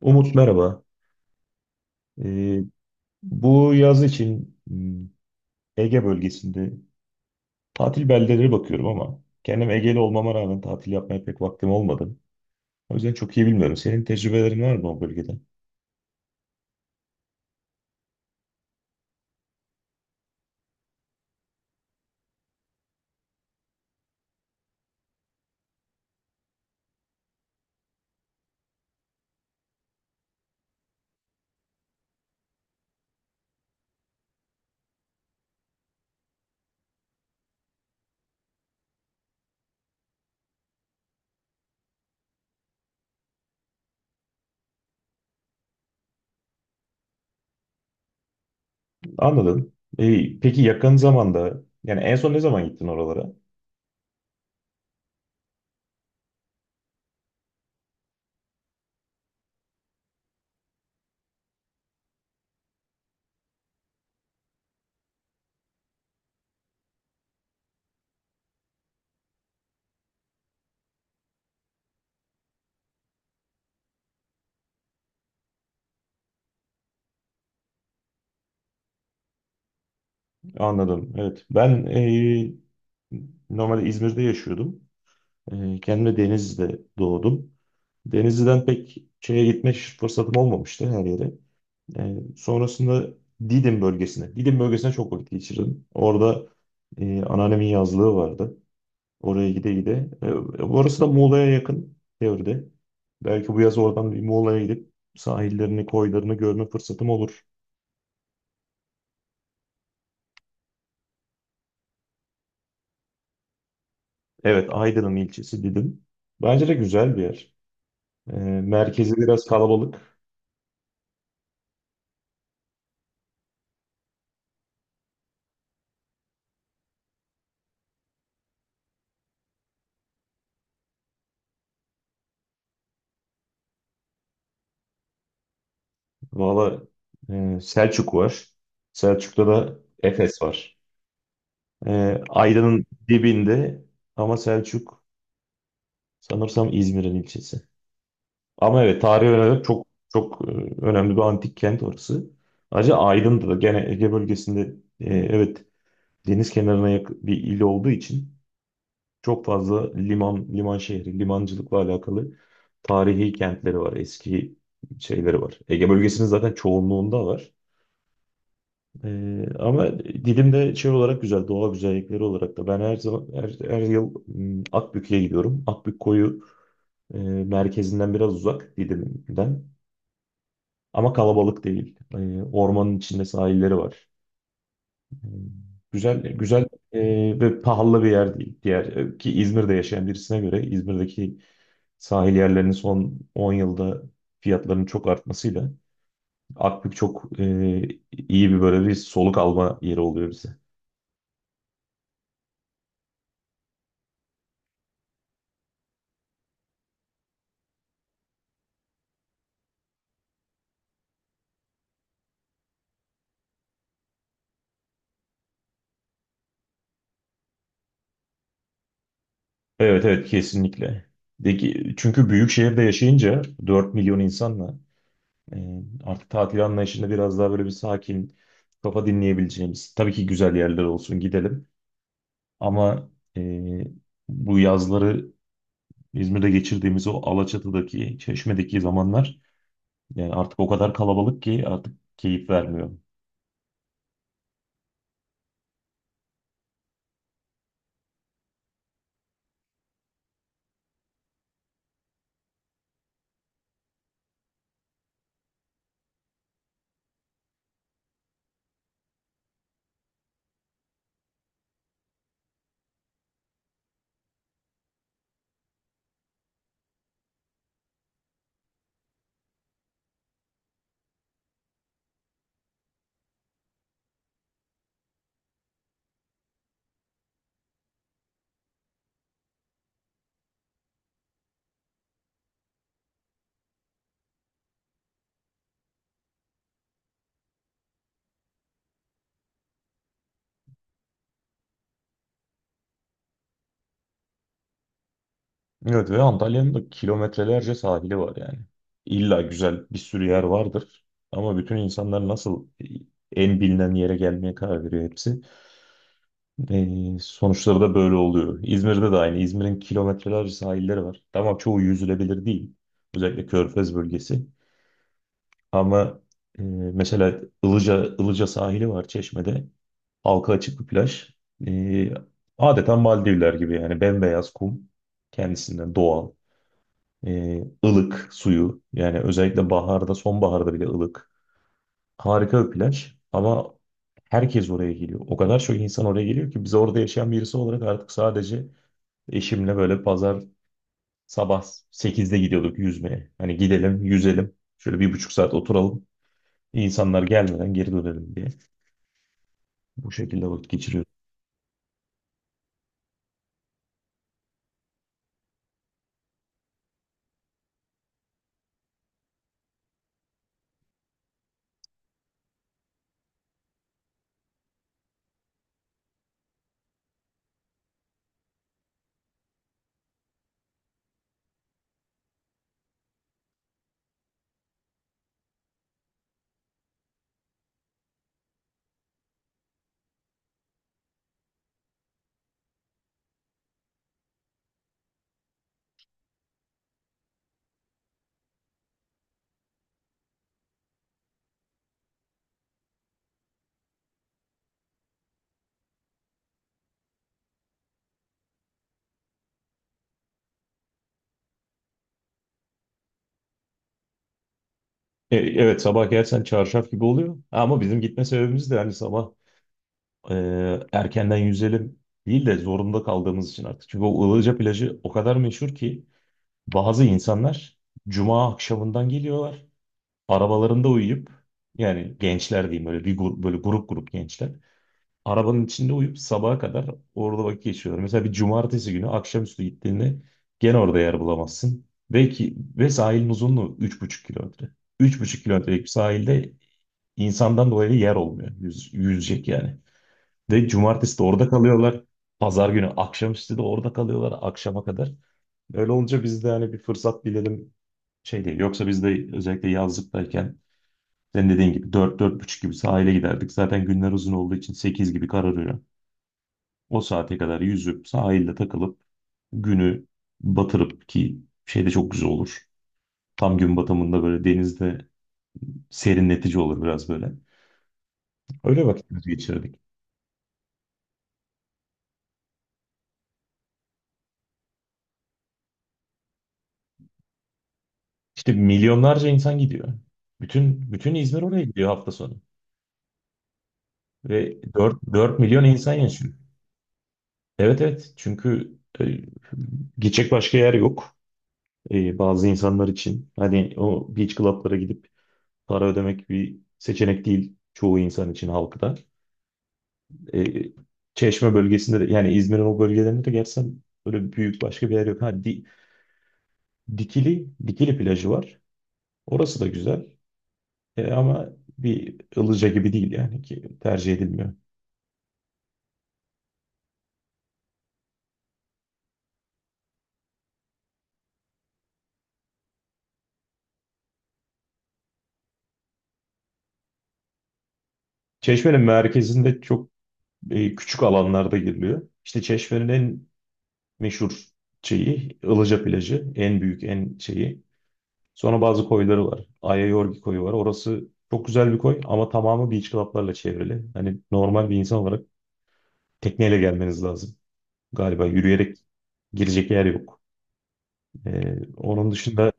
Umut, merhaba. Ee, Bu yaz için Ege bölgesinde tatil beldeleri bakıyorum ama kendim Ege'li olmama rağmen tatil yapmaya pek vaktim olmadı. O yüzden çok iyi bilmiyorum. Senin tecrübelerin var mı o bölgede? Anladım. Peki yakın zamanda yani en son ne zaman gittin oralara? Anladım. Evet. Ben normalde İzmir'de yaşıyordum. Kendim de Denizli'de doğdum. Denizli'den pek şeye gitme fırsatım olmamıştı her yere. Sonrasında Didim bölgesine. Didim bölgesine çok vakit geçirdim. Orada anneannemin yazlığı vardı. Oraya gide gide. Orası da Muğla'ya yakın teoride. Belki bu yaz oradan bir Muğla'ya gidip sahillerini, koylarını görme fırsatım olur. Evet, Aydın'ın ilçesi Didim. Bence de güzel bir yer. E, Merkezi biraz kalabalık. Valla, Selçuk var. Selçuk'ta da Efes var. Aydın'ın dibinde ama Selçuk sanırsam İzmir'in ilçesi. Ama evet, tarihi olarak çok önemli bir antik kent orası. Ayrıca Aydın'da da gene Ege bölgesinde, evet, deniz kenarına yakın bir il olduğu için çok fazla liman, liman şehri, limancılıkla alakalı tarihi kentleri var, eski şeyleri var. Ege bölgesinin zaten çoğunluğunda var. Ama Didim'de şey olarak güzel, doğa güzellikleri olarak da. Ben her zaman, her yıl Akbük'e gidiyorum. Akbük koyu merkezinden biraz uzak, Didim'den. Ama kalabalık değil. Ormanın içinde sahilleri var. E, Güzel, güzel ve pahalı bir yer değil. Diğer, ki İzmir'de yaşayan birisine göre İzmir'deki sahil yerlerinin son 10 yılda fiyatlarının çok artmasıyla Akbük çok iyi, bir böyle bir soluk alma yeri oluyor bize. Evet, evet, kesinlikle. De ki, çünkü büyük şehirde yaşayınca 4 milyon insanla, artık tatil anlayışında biraz daha böyle bir sakin kafa dinleyebileceğimiz. Tabii ki güzel yerler olsun, gidelim. Ama e, bu yazları İzmir'de geçirdiğimiz o Alaçatı'daki, Çeşme'deki zamanlar, yani artık o kadar kalabalık ki artık keyif vermiyor. Evet, ve Antalya'nın da kilometrelerce sahili var yani. İlla güzel bir sürü yer vardır. Ama bütün insanlar nasıl en bilinen yere gelmeye karar veriyor hepsi. Sonuçları da böyle oluyor. İzmir'de de aynı. İzmir'in kilometrelerce sahilleri var. Tamam, çoğu yüzülebilir değil. Özellikle Körfez bölgesi. Ama e, mesela Ilıca sahili var Çeşme'de. Halka açık bir plaj. Ee, Adeta Maldivler gibi, yani bembeyaz kum. Kendisinden doğal. Ilık suyu, yani özellikle baharda, sonbaharda bile ılık. Harika bir plaj ama herkes oraya geliyor. O kadar çok insan oraya geliyor ki biz orada yaşayan birisi olarak artık sadece eşimle böyle pazar sabah sekizde gidiyorduk yüzmeye. Hani gidelim yüzelim, şöyle bir buçuk saat oturalım, insanlar gelmeden geri dönelim diye bu şekilde vakit geçiriyoruz. Evet, sabah gelsen çarşaf gibi oluyor ama bizim gitme sebebimiz de hani sabah e, erkenden yüzelim değil de zorunda kaldığımız için artık. Çünkü o Ilıca plajı o kadar meşhur ki bazı insanlar cuma akşamından geliyorlar. Arabalarında uyuyup, yani gençler diyeyim, böyle bir grup, böyle grup grup gençler. Arabanın içinde uyuyup sabaha kadar orada vakit geçiriyorlar. Mesela bir cumartesi günü akşamüstü gittiğinde gene orada yer bulamazsın. Ve sahilin uzunluğu 3,5 kilometre. Üç buçuk kilometrelik bir sahilde insandan dolayı yer olmuyor. Yüzecek yani. Ve cumartesi de orada kalıyorlar. Pazar günü akşamüstü de orada kalıyorlar akşama kadar. Öyle olunca biz de hani bir fırsat bilelim, şey değil. Yoksa biz de özellikle yazlıktayken senin dediğin gibi dört, dört buçuk gibi sahile giderdik. Zaten günler uzun olduğu için 8 gibi kararıyor. O saate kadar yüzüp sahilde takılıp günü batırıp, ki şey de çok güzel olur. Tam gün batımında böyle denizde serinletici olur biraz böyle. Öyle vakit geçirdik. İşte milyonlarca insan gidiyor. Bütün İzmir oraya gidiyor hafta sonu. Ve dört milyon insan yaşıyor. Evet, evet, çünkü gidecek başka yer yok bazı insanlar için. Hani o beach club'lara gidip para ödemek bir seçenek değil çoğu insan için, halkta. E, Çeşme bölgesinde de yani İzmir'in o bölgelerinde de gerçekten böyle büyük başka bir yer yok. Ha, Dikili plajı var. Orası da güzel. Ama bir Ilıca gibi değil yani, ki tercih edilmiyor. Çeşme'nin merkezinde çok küçük alanlarda giriliyor. İşte Çeşme'nin en meşhur şeyi Ilıca plajı. En büyük, en şeyi. Sonra bazı koyları var. Ayayorgi koyu var. Orası çok güzel bir koy ama tamamı beach club'larla çevrili. Hani normal bir insan olarak tekneyle gelmeniz lazım. Galiba yürüyerek girecek yer yok. Onun dışında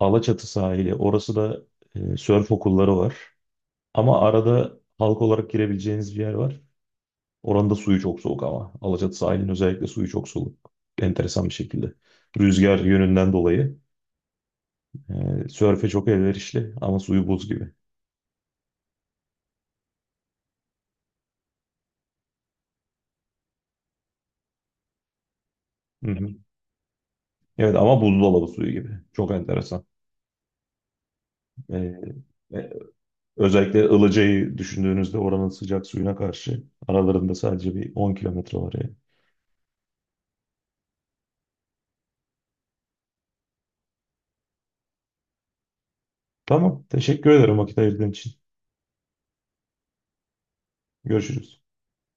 Alaçatı sahili. Orası da sörf okulları var. Ama arada halk olarak girebileceğiniz bir yer var. Oranın da suyu çok soğuk ama. Alaçatı sahilinin özellikle suyu çok soğuk. Enteresan bir şekilde. Rüzgar yönünden dolayı sörfe çok elverişli ama suyu buz gibi. Hı hı. Evet ama buzdolabı suyu gibi. Çok enteresan. E, e, özellikle Ilıca'yı düşündüğünüzde oranın sıcak suyuna karşı aralarında sadece bir 10 kilometre var yani. Tamam. Teşekkür ederim vakit ayırdığın için. Görüşürüz.